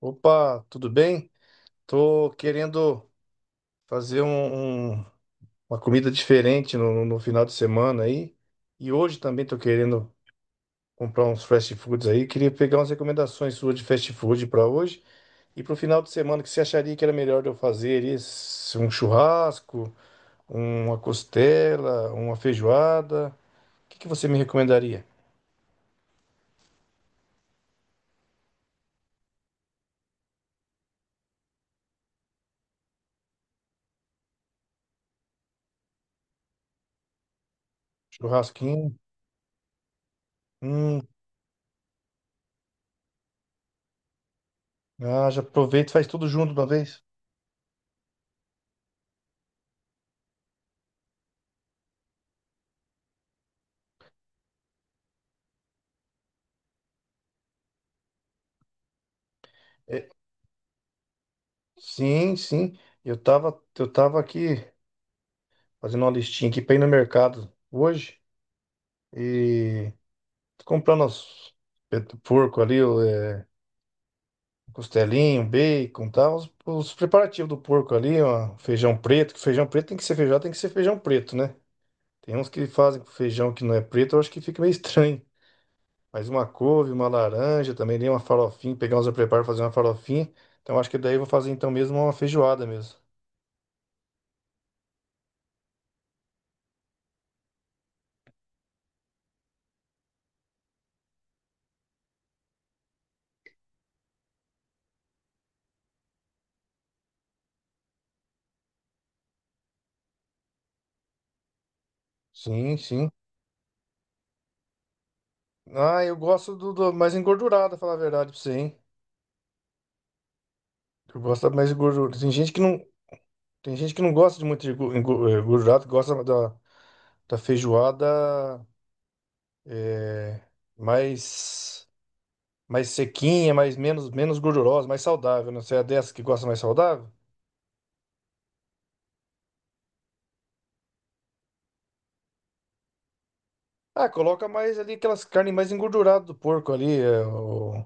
Opa, tudo bem? Tô querendo fazer uma comida diferente no final de semana aí. E hoje também tô querendo comprar uns fast foods aí. Queria pegar umas recomendações suas de fast food para hoje e para o final de semana. O que você acharia que era melhor de eu fazer aí? Um churrasco, uma costela, uma feijoada? O que que você me recomendaria? Churrasquinho? Hum, ah, já aproveita e faz tudo junto de uma vez. É, sim, sim. Eu tava aqui, fazendo uma listinha aqui pra ir no mercado hoje e tô comprando os peito do porco ali, o é, costelinho, bacon tal, os preparativos do porco ali, ó, feijão preto, que feijão preto tem que ser feijão, tem que ser feijão preto, né? Tem uns que fazem com feijão que não é preto, eu acho que fica meio estranho. Mas uma couve, uma laranja, também nem uma farofinha, pegar uns eu preparo fazer uma farofinha. Então acho que daí eu vou fazer então mesmo uma feijoada mesmo. Sim, sim. Ah, eu gosto do mais engordurada, falar a verdade pra você, hein? Eu gosto mais de gordura. Tem gente que não, tem gente que não gosta de muito de gordurado, gosta da feijoada eh, mais, mais sequinha, mais menos, menos gordurosa, mais saudável. Não sei, é dessa que gosta mais saudável? Ah, coloca mais ali aquelas carnes mais engorduradas do porco ali, eh, o-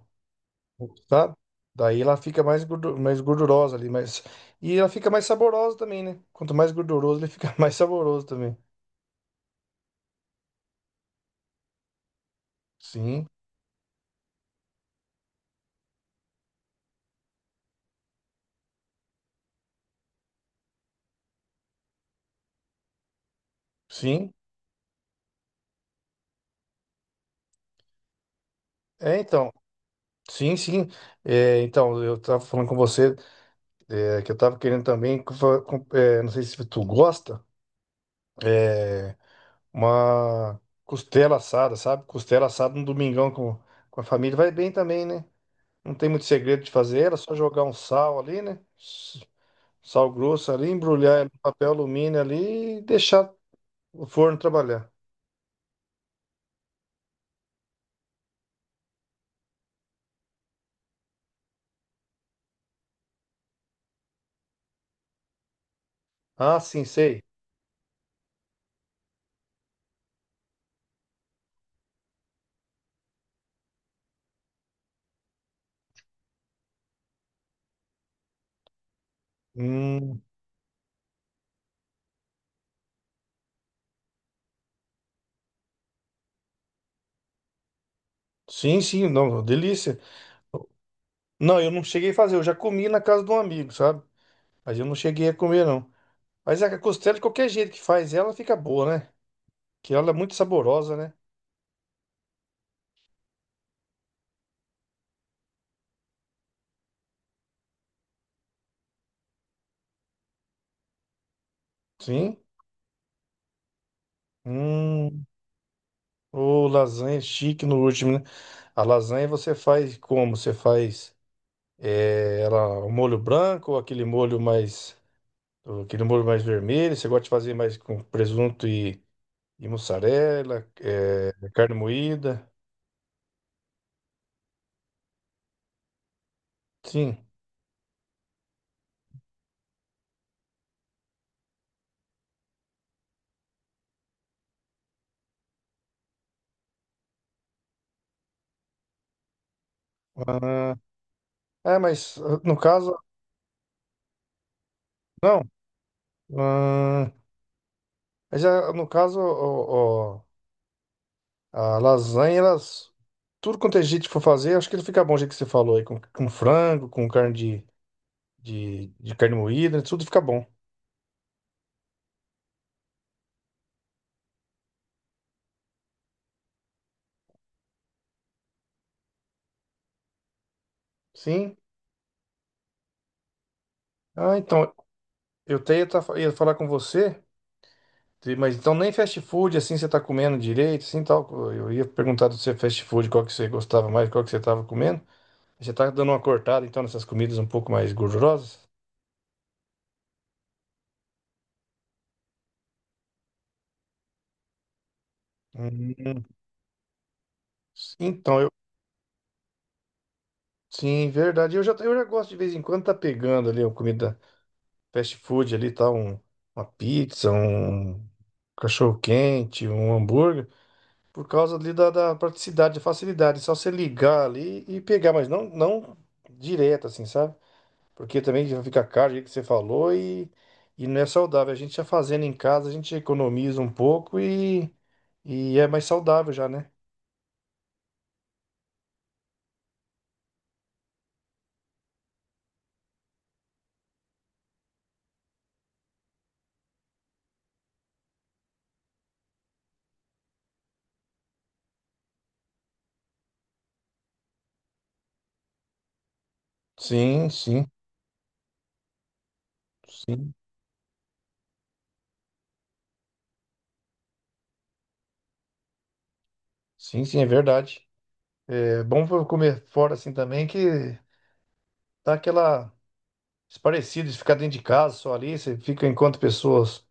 o- sabe? Daí ela fica mais, mais gordurosa ali, mas e ela fica mais saborosa também, né? Quanto mais gorduroso, ele fica mais saboroso também. Sim, sim. É, então. Sim, sim. É, então, eu tava falando com você, é, que eu tava querendo também, não sei se tu gosta, é, uma costela assada, sabe? Costela assada no domingão com a família. Vai bem também, né? Não tem muito segredo de fazer ela, só jogar um sal ali, né? Sal grosso ali, embrulhar ela no papel alumínio ali e deixar o forno trabalhar. Ah, sim, sei. Hum, sim, sim, não, delícia. Não, eu não cheguei a fazer, eu já comi na casa de um amigo, sabe? Mas eu não cheguei a comer, não. Mas a costela, de qualquer jeito que faz ela, fica boa, né? Que ela é muito saborosa, né? Sim. Hum, ô, lasanha chique no último, né? A lasanha você faz como? Você faz é, ela, o molho branco, ou aquele molho mais, ou aquele molho mais vermelho. Você gosta de fazer mais e mussarela, é, carne moída? Sim. Ah, é, mas ah, no caso, não. Ah, mas ah, no caso, ó, ó, a lasanha, elas. Tudo quanto é jeito que for fazer, acho que ele fica bom, o jeito que você falou aí, com frango, com carne de carne moída, né, tudo fica bom. Sim. Ah, então, eu até ia, tá- ia falar com você, mas então nem fast food, assim, você tá comendo direito, assim, tal. Eu ia perguntar do seu fast food, qual que você gostava mais, qual que você tava comendo. Você tá dando uma cortada, então, nessas comidas um pouco mais gordurosas? Hum. Então, eu... Sim, verdade. Eu já gosto de vez em quando tá pegando ali a comida fast food ali, tá? Uma pizza, um cachorro-quente, um hambúrguer, por causa ali da praticidade, da facilidade. É só você ligar ali e pegar, mas não direto, assim, sabe? Porque também já fica caro, o que você falou, e não é saudável. A gente já fazendo em casa, a gente economiza um pouco e é mais saudável já, né? Sim, sim, sim, sim, sim, é verdade. É bom comer fora assim também, que dá aquela. Os parecidos, de ficar dentro de casa só ali, você fica enquanto pessoas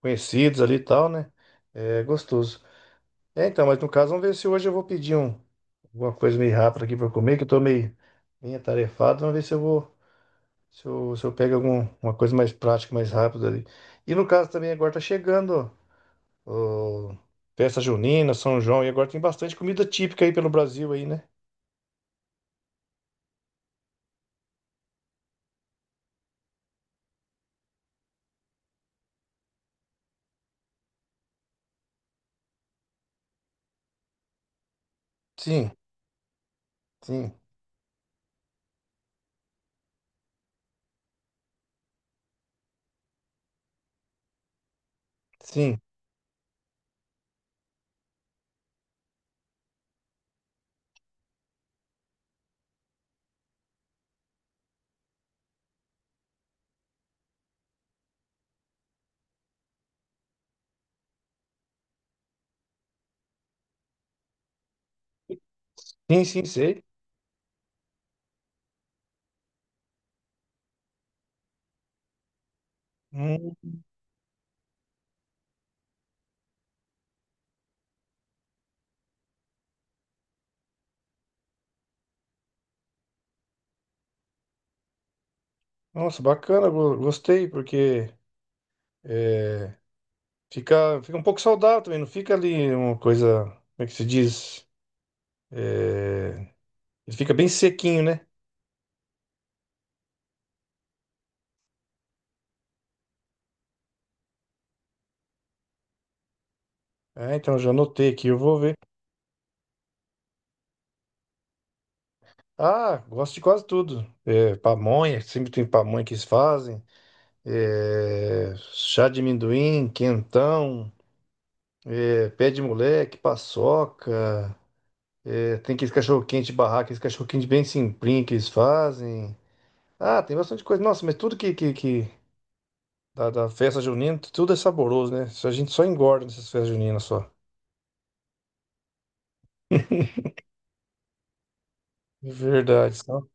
conhecidas ali e tal, né? É gostoso. É, então, mas no caso, vamos ver se hoje eu vou pedir alguma coisa meio rápida aqui pra eu comer, que eu tô meio, meio atarefado. Vamos ver se eu vou, se eu pego algum, uma coisa mais prática, mais rápida ali. E no caso também, agora tá chegando ó, festa junina, São João, e agora tem bastante comida típica aí pelo Brasil aí, né? Sim, sim, sim. Sim, sim, sei. Hum, nossa, bacana, gostei, porque fica, fica um pouco saudável também, não fica ali uma coisa, como é que se diz? Ele fica bem sequinho, né? É, então já anotei aqui, eu vou ver. Ah, gosto de quase tudo. É, pamonha, sempre tem pamonha que eles fazem. É, chá de amendoim, quentão, é, pé de moleque, paçoca. É, tem aqueles cachorro-quente de barraca, aqueles cachorro-quente bem simplinho que eles fazem. Ah, tem bastante coisa. Nossa, mas tudo que da, da festa junina, tudo é saboroso, né? Isso, a gente só engorda nessas festas juninas só. Verdade. Só.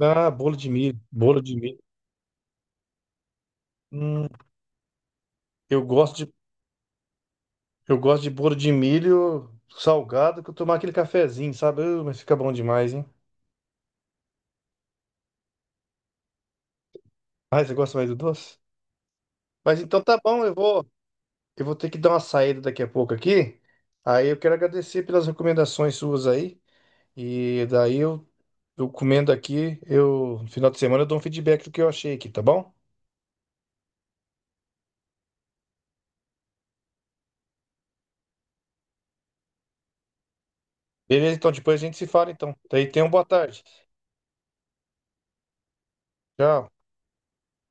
Ah, bolo de milho. Bolo de milho. Hum, eu gosto de, eu gosto de bolo de milho salgado que eu tomar aquele cafezinho, sabe? Mas fica bom demais, hein? Ah, você gosta mais do doce? Mas então tá bom, eu vou ter que dar uma saída daqui a pouco aqui. Aí eu quero agradecer pelas recomendações suas aí. E eu comendo aqui, eu, no final de semana eu dou um feedback do que eu achei aqui, tá bom? Beleza, então depois a gente se fala então. Daí tenha uma boa tarde. Tchau.